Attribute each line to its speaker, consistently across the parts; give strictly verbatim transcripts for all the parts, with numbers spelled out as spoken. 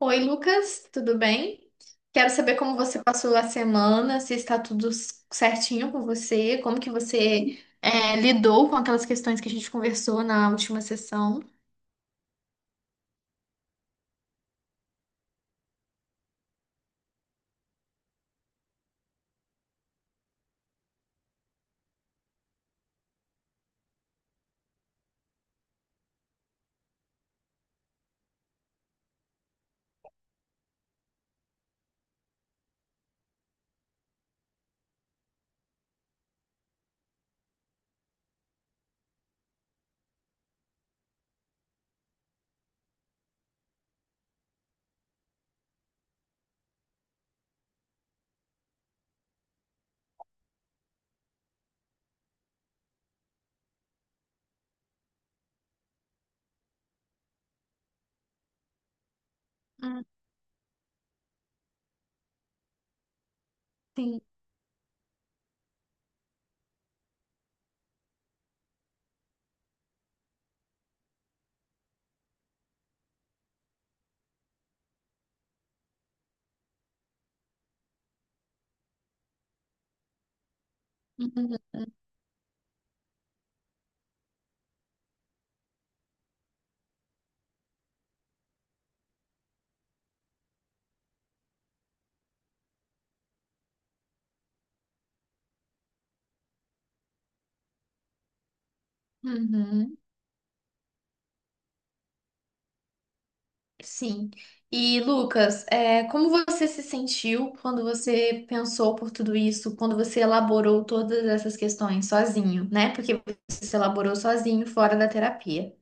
Speaker 1: Oi, Lucas, tudo bem? Quero saber como você passou a semana, se está tudo s- certinho com você, como que você é, lidou com aquelas questões que a gente conversou na última sessão. Hum. Sim. Uhum, uhum, sim. E, Lucas, é, como você se sentiu quando você pensou por tudo isso, quando você elaborou todas essas questões sozinho, né? Porque você se elaborou sozinho, fora da terapia.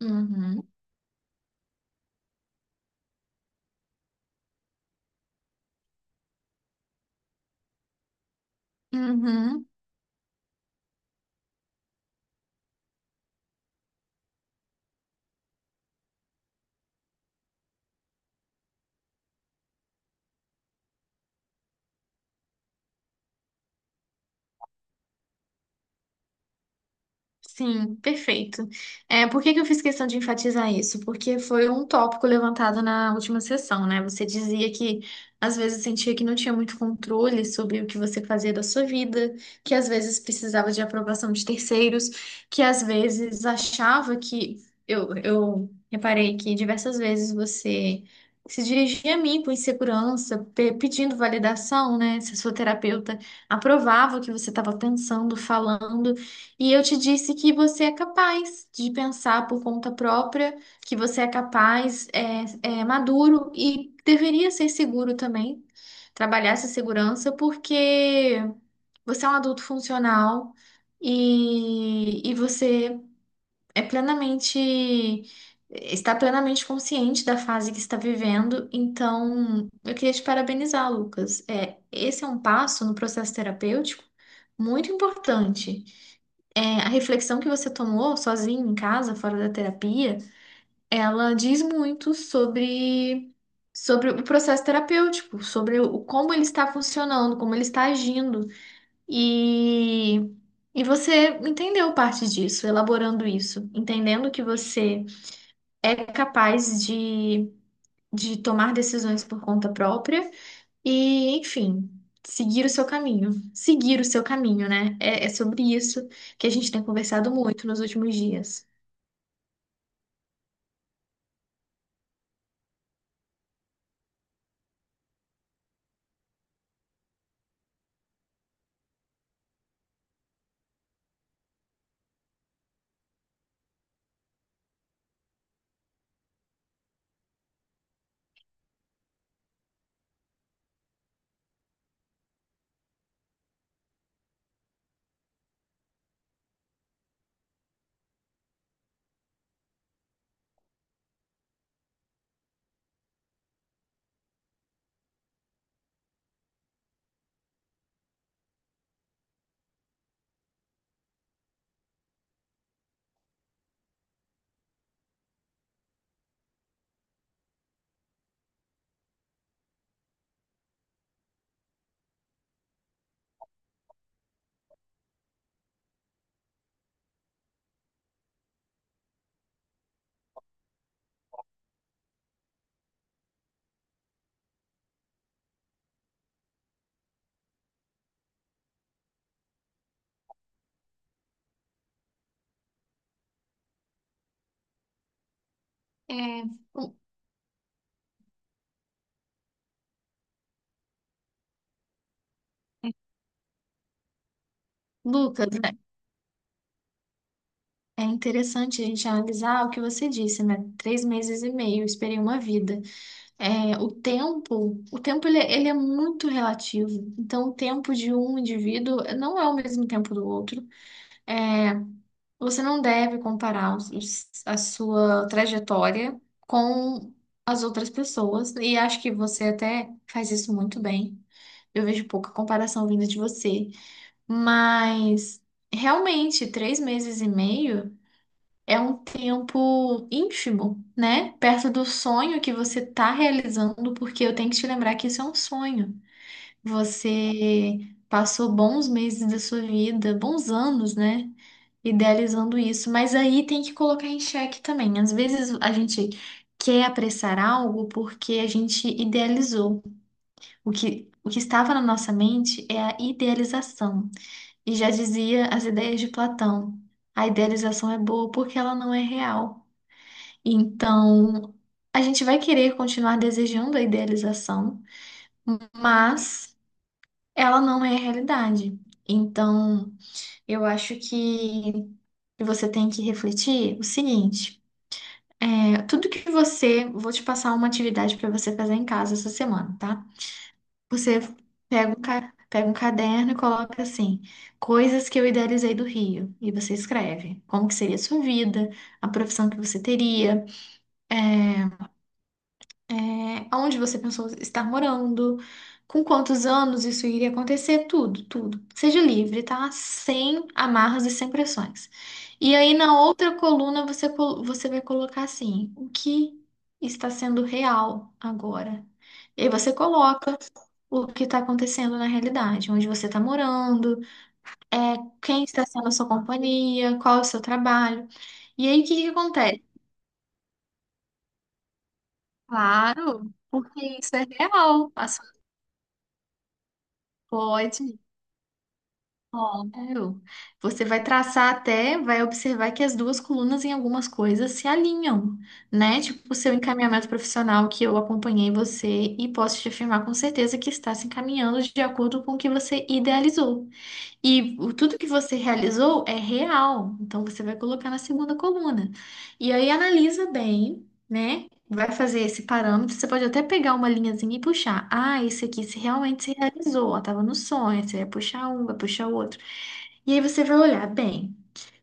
Speaker 1: Uhum, uhum. Sim, perfeito. É, por que que eu fiz questão de enfatizar isso? Porque foi um tópico levantado na última sessão, né? Você dizia que às vezes sentia que não tinha muito controle sobre o que você fazia da sua vida, que às vezes precisava de aprovação de terceiros, que às vezes achava que. Eu, eu reparei que diversas vezes você se dirigia a mim com insegurança, pe- pedindo validação, né? Se a sua terapeuta aprovava o que você estava pensando, falando. E eu te disse que você é capaz de pensar por conta própria, que você é capaz, é, é maduro e deveria ser seguro também, trabalhar essa segurança, porque você é um adulto funcional e, e você é plenamente, está plenamente consciente da fase que está vivendo. Então, eu queria te parabenizar, Lucas. É, esse é um passo no processo terapêutico muito importante. É, a reflexão que você tomou sozinho em casa, fora da terapia, ela diz muito sobre, sobre o processo terapêutico, sobre o, como ele está funcionando, como ele está agindo. E, e você entendeu parte disso, elaborando isso, entendendo que você é capaz de, de tomar decisões por conta própria e, enfim, seguir o seu caminho. Seguir o seu caminho, né? É, é sobre isso que a gente tem conversado muito nos últimos dias. É, Lu- Lucas, né, é interessante a gente analisar o que você disse, né? Três meses e meio, eu esperei uma vida. É, o tempo, o tempo ele, é, ele é muito relativo. Então, o tempo de um indivíduo não é o mesmo tempo do outro. É, você não deve comparar os- os- a sua trajetória com as outras pessoas. E acho que você até faz isso muito bem. Eu vejo pouca comparação vinda de você. Mas, realmente, três meses e meio é um tempo ínfimo, né? Perto do sonho que você está realizando, porque eu tenho que te lembrar que isso é um sonho. Você passou bons meses da sua vida, bons anos, né? Idealizando isso. Mas aí tem que colocar em xeque também. Às vezes a gente quer apressar algo porque a gente idealizou. O que, o que estava na nossa mente é a idealização. E já dizia as ideias de Platão: a idealização é boa porque ela não é real. Então, a gente vai querer continuar desejando a idealização, mas ela não é a realidade. Então, eu acho que você tem que refletir o seguinte: é, tudo que você. Vou te passar uma atividade para você fazer em casa essa semana, tá? Você pega um, ca- pega um caderno e coloca assim: coisas que eu idealizei do Rio. E você escreve como que seria a sua vida, a profissão que você teria. é, é, Aonde você pensou estar morando, com quantos anos isso iria acontecer, tudo, tudo. Seja livre, tá? Sem amarras e sem pressões. E aí na outra coluna você, col- você vai colocar assim, o que está sendo real agora? E aí você coloca o que está acontecendo na realidade, onde você está morando, é, quem está sendo a sua companhia, qual é o seu trabalho. E aí o que que acontece? Claro, porque isso é real. A sua- Pode. Claro. Você vai traçar até, vai observar que as duas colunas em algumas coisas se alinham, né? Tipo, o seu encaminhamento profissional que eu acompanhei você e posso te afirmar com certeza que está se encaminhando de acordo com o que você idealizou. E o- tudo que você realizou é real, então você vai colocar na segunda coluna. E aí analisa bem, né? Vai fazer esse parâmetro, você pode até pegar uma linhazinha e puxar. Ah, esse aqui se realmente se realizou, ó, tava no sonho, você vai puxar um, vai puxar o outro. E aí você vai olhar bem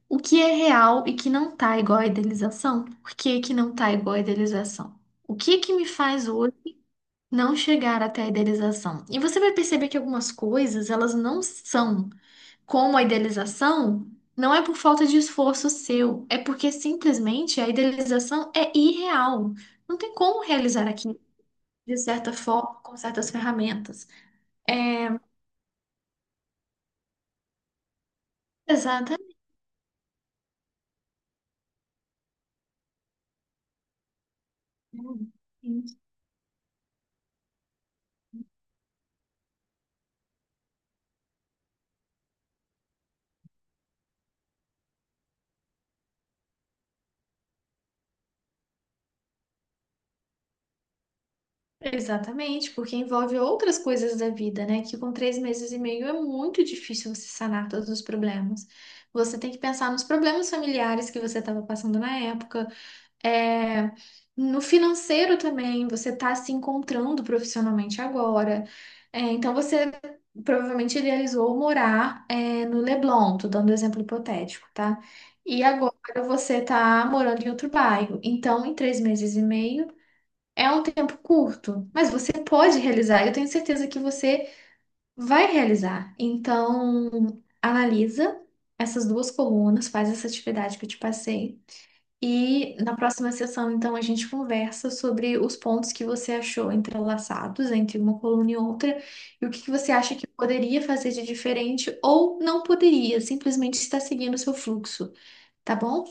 Speaker 1: o que é real e que não tá igual à idealização, por que que não tá igual à idealização? O que que me faz hoje não chegar até a idealização? E você vai perceber que algumas coisas, elas não são como a idealização, não é por falta de esforço seu, é porque simplesmente a idealização é irreal. Não tem como realizar aqui de certa forma, com certas ferramentas. É, exatamente. Exatamente, porque envolve outras coisas da vida, né? Que com três meses e meio é muito difícil você sanar todos os problemas. Você tem que pensar nos problemas familiares que você estava passando na época, é, no financeiro também, você está se encontrando profissionalmente agora. É, então você provavelmente idealizou morar, é, no Leblon, tô dando um exemplo hipotético, tá? E agora você está morando em outro bairro. Então, em três meses e meio. É um tempo curto, mas você pode realizar. Eu tenho certeza que você vai realizar. Então, analisa essas duas colunas, faz essa atividade que eu te passei. E na próxima sessão, então, a gente conversa sobre os pontos que você achou entrelaçados entre uma coluna e outra e o que que você acha que poderia fazer de diferente ou não poderia, simplesmente está seguindo o seu fluxo, tá bom?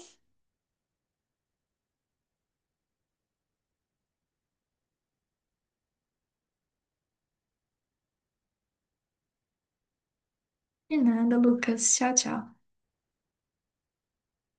Speaker 1: De nada, Lucas. Tchau, tchau.